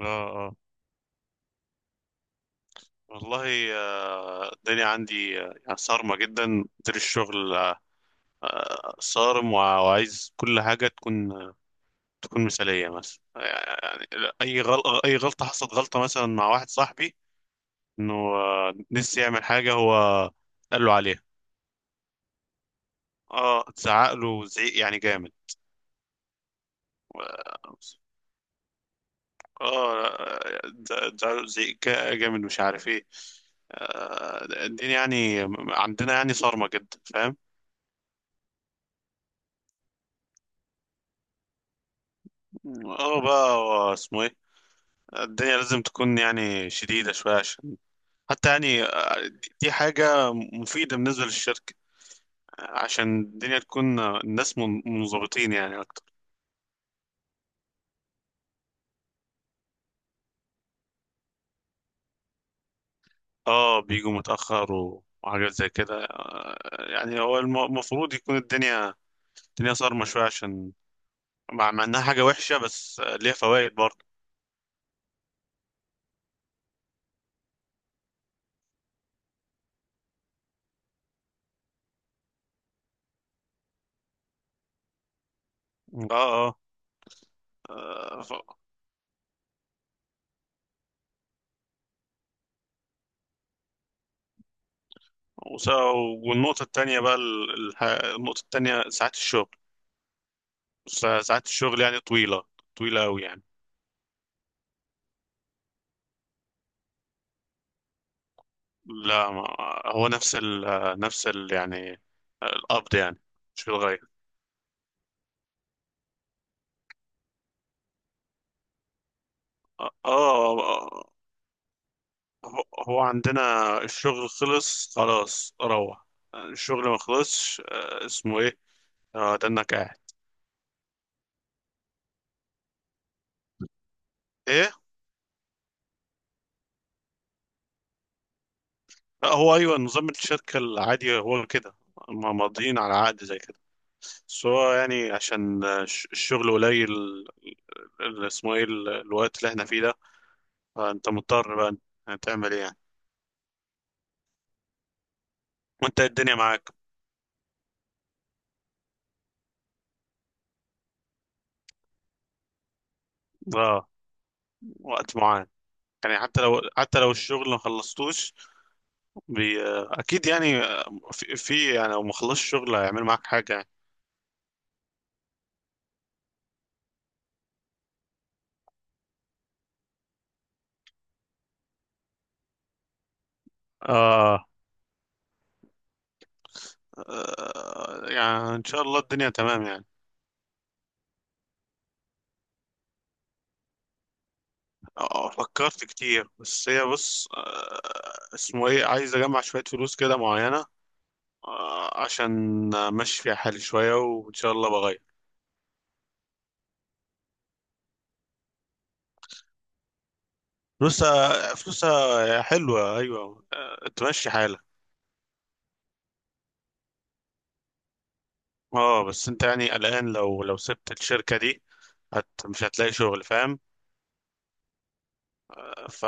اه اه والله الدنيا عندي يعني صارمة جدا مدير الشغل صارم وعايز كل حاجة تكون تكون مثالية مثلا يعني. أي غلطة حصلت غلطة مثلا مع واحد صاحبي إنه نسي يعمل حاجة هو، قال له عليها. اه اتزعق له زعيق يعني جامد. و- اه لا، اتزعق له زعيق جامد مش عارف ايه. الدنيا يعني عندنا يعني صارمة جدا، فاهم؟ اه بقى هو اسمه ايه، الدنيا لازم تكون يعني شديدة شوية عشان حتى يعني دي حاجة مفيدة بالنسبة للشركة، عشان الدنيا تكون الناس منضبطين يعني أكتر. اه بيجوا متأخر وحاجات زي كده يعني هو المفروض يكون الدنيا، الدنيا صارمة شوية عشان مع إنها حاجة وحشة بس ليها فوائد برضه. اه اه آه، ف- وس- والنقطة التانية بقى ال- الح- النقطة التانية ساعات الشغل، يعني طويلة، طويلة أوي يعني. لا ما هو نفس ال يعني، القبض يعني مش في الغاية. آه آه، آه، هو عندنا الشغل خلص خلاص روح، الشغل ما خلصش اسمه إيه، ده إنك قاعد. إيه؟ لا هو أيوة نظام الشركة العادي هو كده، ما ماضيين على عقد زي كده. بس هو يعني عشان الشغل قليل، الوقت اللي إحنا فيه ده، فانت مضطر بقى، هتعمل ايه يعني؟ وانت إيه الدنيا معاك؟ اه وقت معين. يعني حتى لو الشغل ما خلصتوش، بي... آه، اكيد يعني في يعني لو ما خلصش الشغل هيعمل معاك حاجه يعني. آه. اه يعني ان شاء الله الدنيا تمام يعني. آه فكرت كتير، بس هي بص آه اسمه ايه، عايز اجمع شويه فلوس كده معينه آه عشان امشي فيها حالي شويه وان شاء الله بغير. فلوسها حلوه ايوه آه، تمشي حالك. اه بس انت يعني قلقان، لو سبت الشركة دي مش هتلاقي شغل، فاهم؟ ف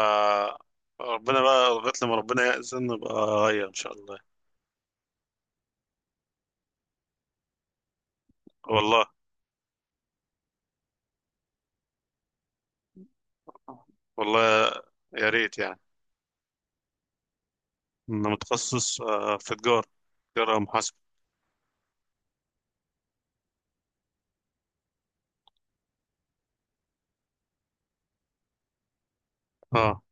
ربنا بقى لغاية لما ربنا يأذن نبقى أغير إن شاء الله. والله، والله يا ريت يعني. أنا متخصص في تجارة، تجارة محاسبة. اه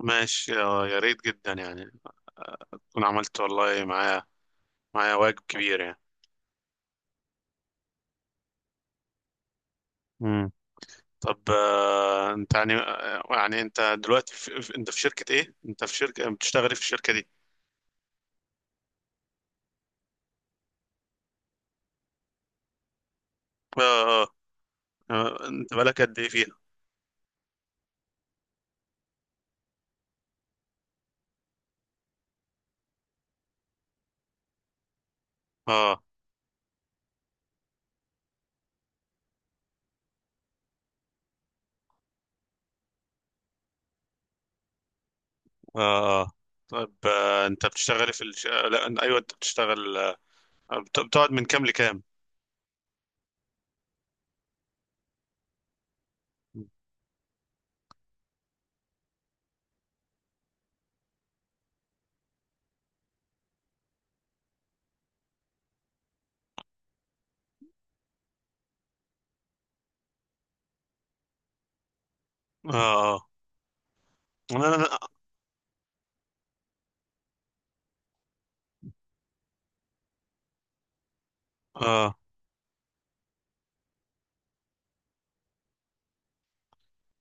ماشي يا ريت جدا يعني، آه، تكون عملت والله معايا، معايا واجب كبير يعني. مم. طب انت يعني يعني انت دلوقتي انت في شركة ايه؟ انت في شركة بتشتغلي في الشركة دي. اه آه. انت بقالك قد ايه فيها؟ اه اه آه. طيب انت بتشتغلي في الش... آه، لا أن- ايوه انت بتشتغل بتقعد من كام لكام؟ اه آه. انا انا آه.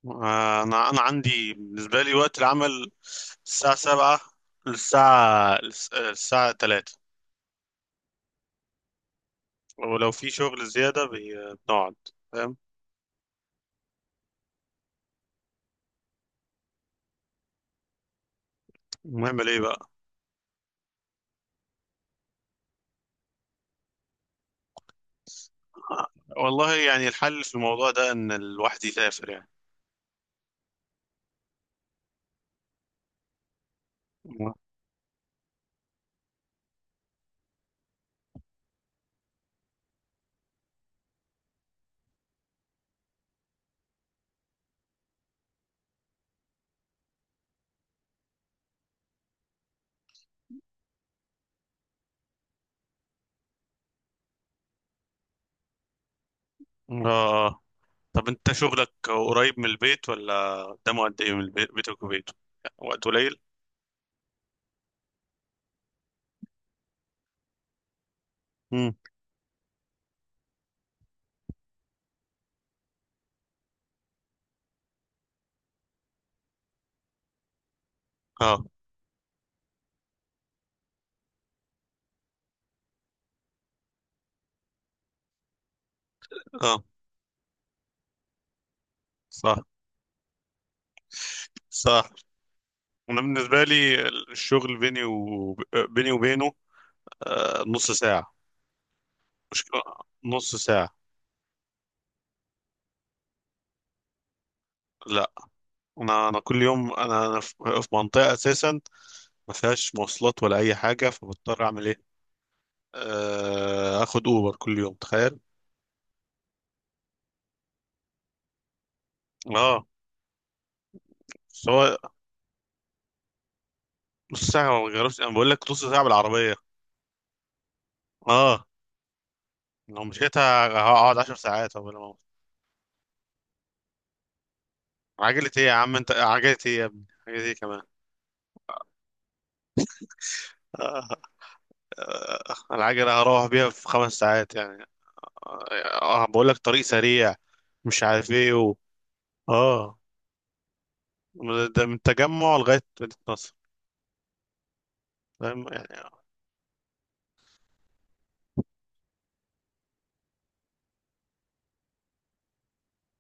آه، انا انا عندي بالنسبه لي وقت العمل الساعه 7 للساعه للس- آه، الساعه 3، ولو في شغل زياده بنقعد، فاهم؟ نعمل ايه بقى؟ آه، والله يعني الحل في الموضوع ده ان الواحد يسافر يعني. اه آه. طب انت شغلك قريب من البيت ولا قدامه، قد ايه من البيت، بيتك وبيته؟ وقت قليل. امم. اه اه صح، صح. انا بالنسبه لي الشغل بيني وبينه نص ساعه، مشكله، نص ساعه. لا انا انا كل يوم انا انا في في منطقه اساسا ما فيهاش مواصلات ولا اي حاجه، فبضطر اعمل ايه، آه اخد اوبر كل يوم، تخيل. اه سواء، نص ساعه ما بغيرش، انا بقول لك نص ساعه بالعربيه. اه لو مشيتها هقعد عشر ساعات قبل ما أوصل. عجلة ايه يا عم، انت عجلة ايه يا ابني، عجلة ايه كمان؟ آه، العجلة هروح بيها في خمس ساعات يعني. اه بقول لك طريق سريع، مش عارف ايه و... اه من ده، من التجمع لغاية مدينة نصر، فاهم يعني.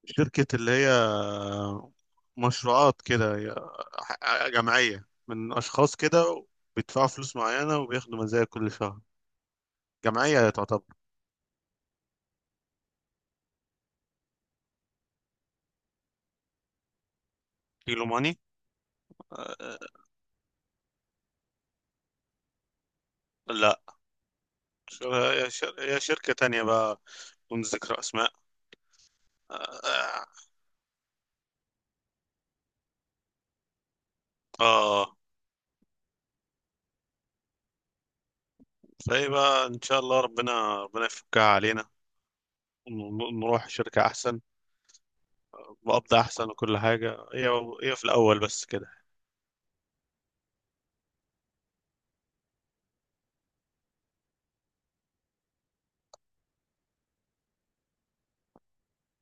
شركة اللي هي مشروعات كده هي، جمعية من أشخاص كده بيدفعوا فلوس معينة وبياخدوا مزايا كل شهر، جمعية تعتبر. كيلو ماني؟ آه، لا. يا شركة تانية بقى، دون ذكر أسماء. آه آه. بقى إن شاء الله ربنا، ربنا يفكها علينا نروح شركة أحسن، بقبض أحسن وكل حاجة. هي في الأول بس كده.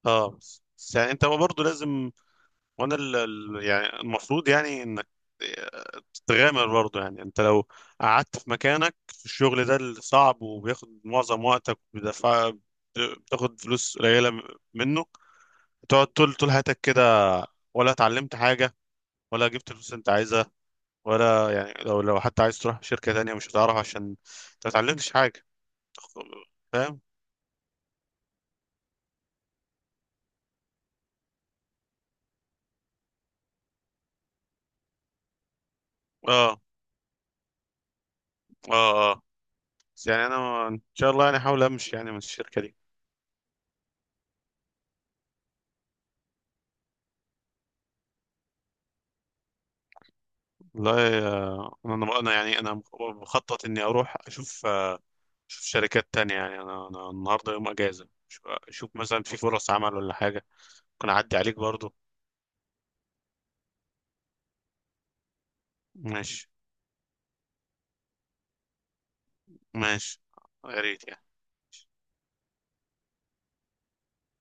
آه بس يعني أنت برضه لازم، يعني المفروض يعني إنك تغامر برضه. يعني أنت لو قعدت في مكانك في الشغل ده الصعب وبياخد معظم وقتك وبيدفع، بتاخد فلوس قليلة منه، تقعد طول حياتك كده ولا اتعلمت حاجة، ولا جبت الفلوس اللي انت عايزها، ولا يعني لو لو حتى عايز تروح شركة تانية مش هتعرف عشان انت متعلمتش حاجة، فاهم؟ اه اه اه بس يعني انا ان شاء الله يعني احاول امشي يعني من الشركة دي. والله آه، انا انا يعني انا بخطط اني اروح اشوف اشوف شركات تانية يعني. انا انا النهاردة يوم اجازة، أشوف، أشوف مثلا في فرص عمل ولا حاجة، ممكن اعدي عليك برضو. ماشي، ماشي يا ريت يعني.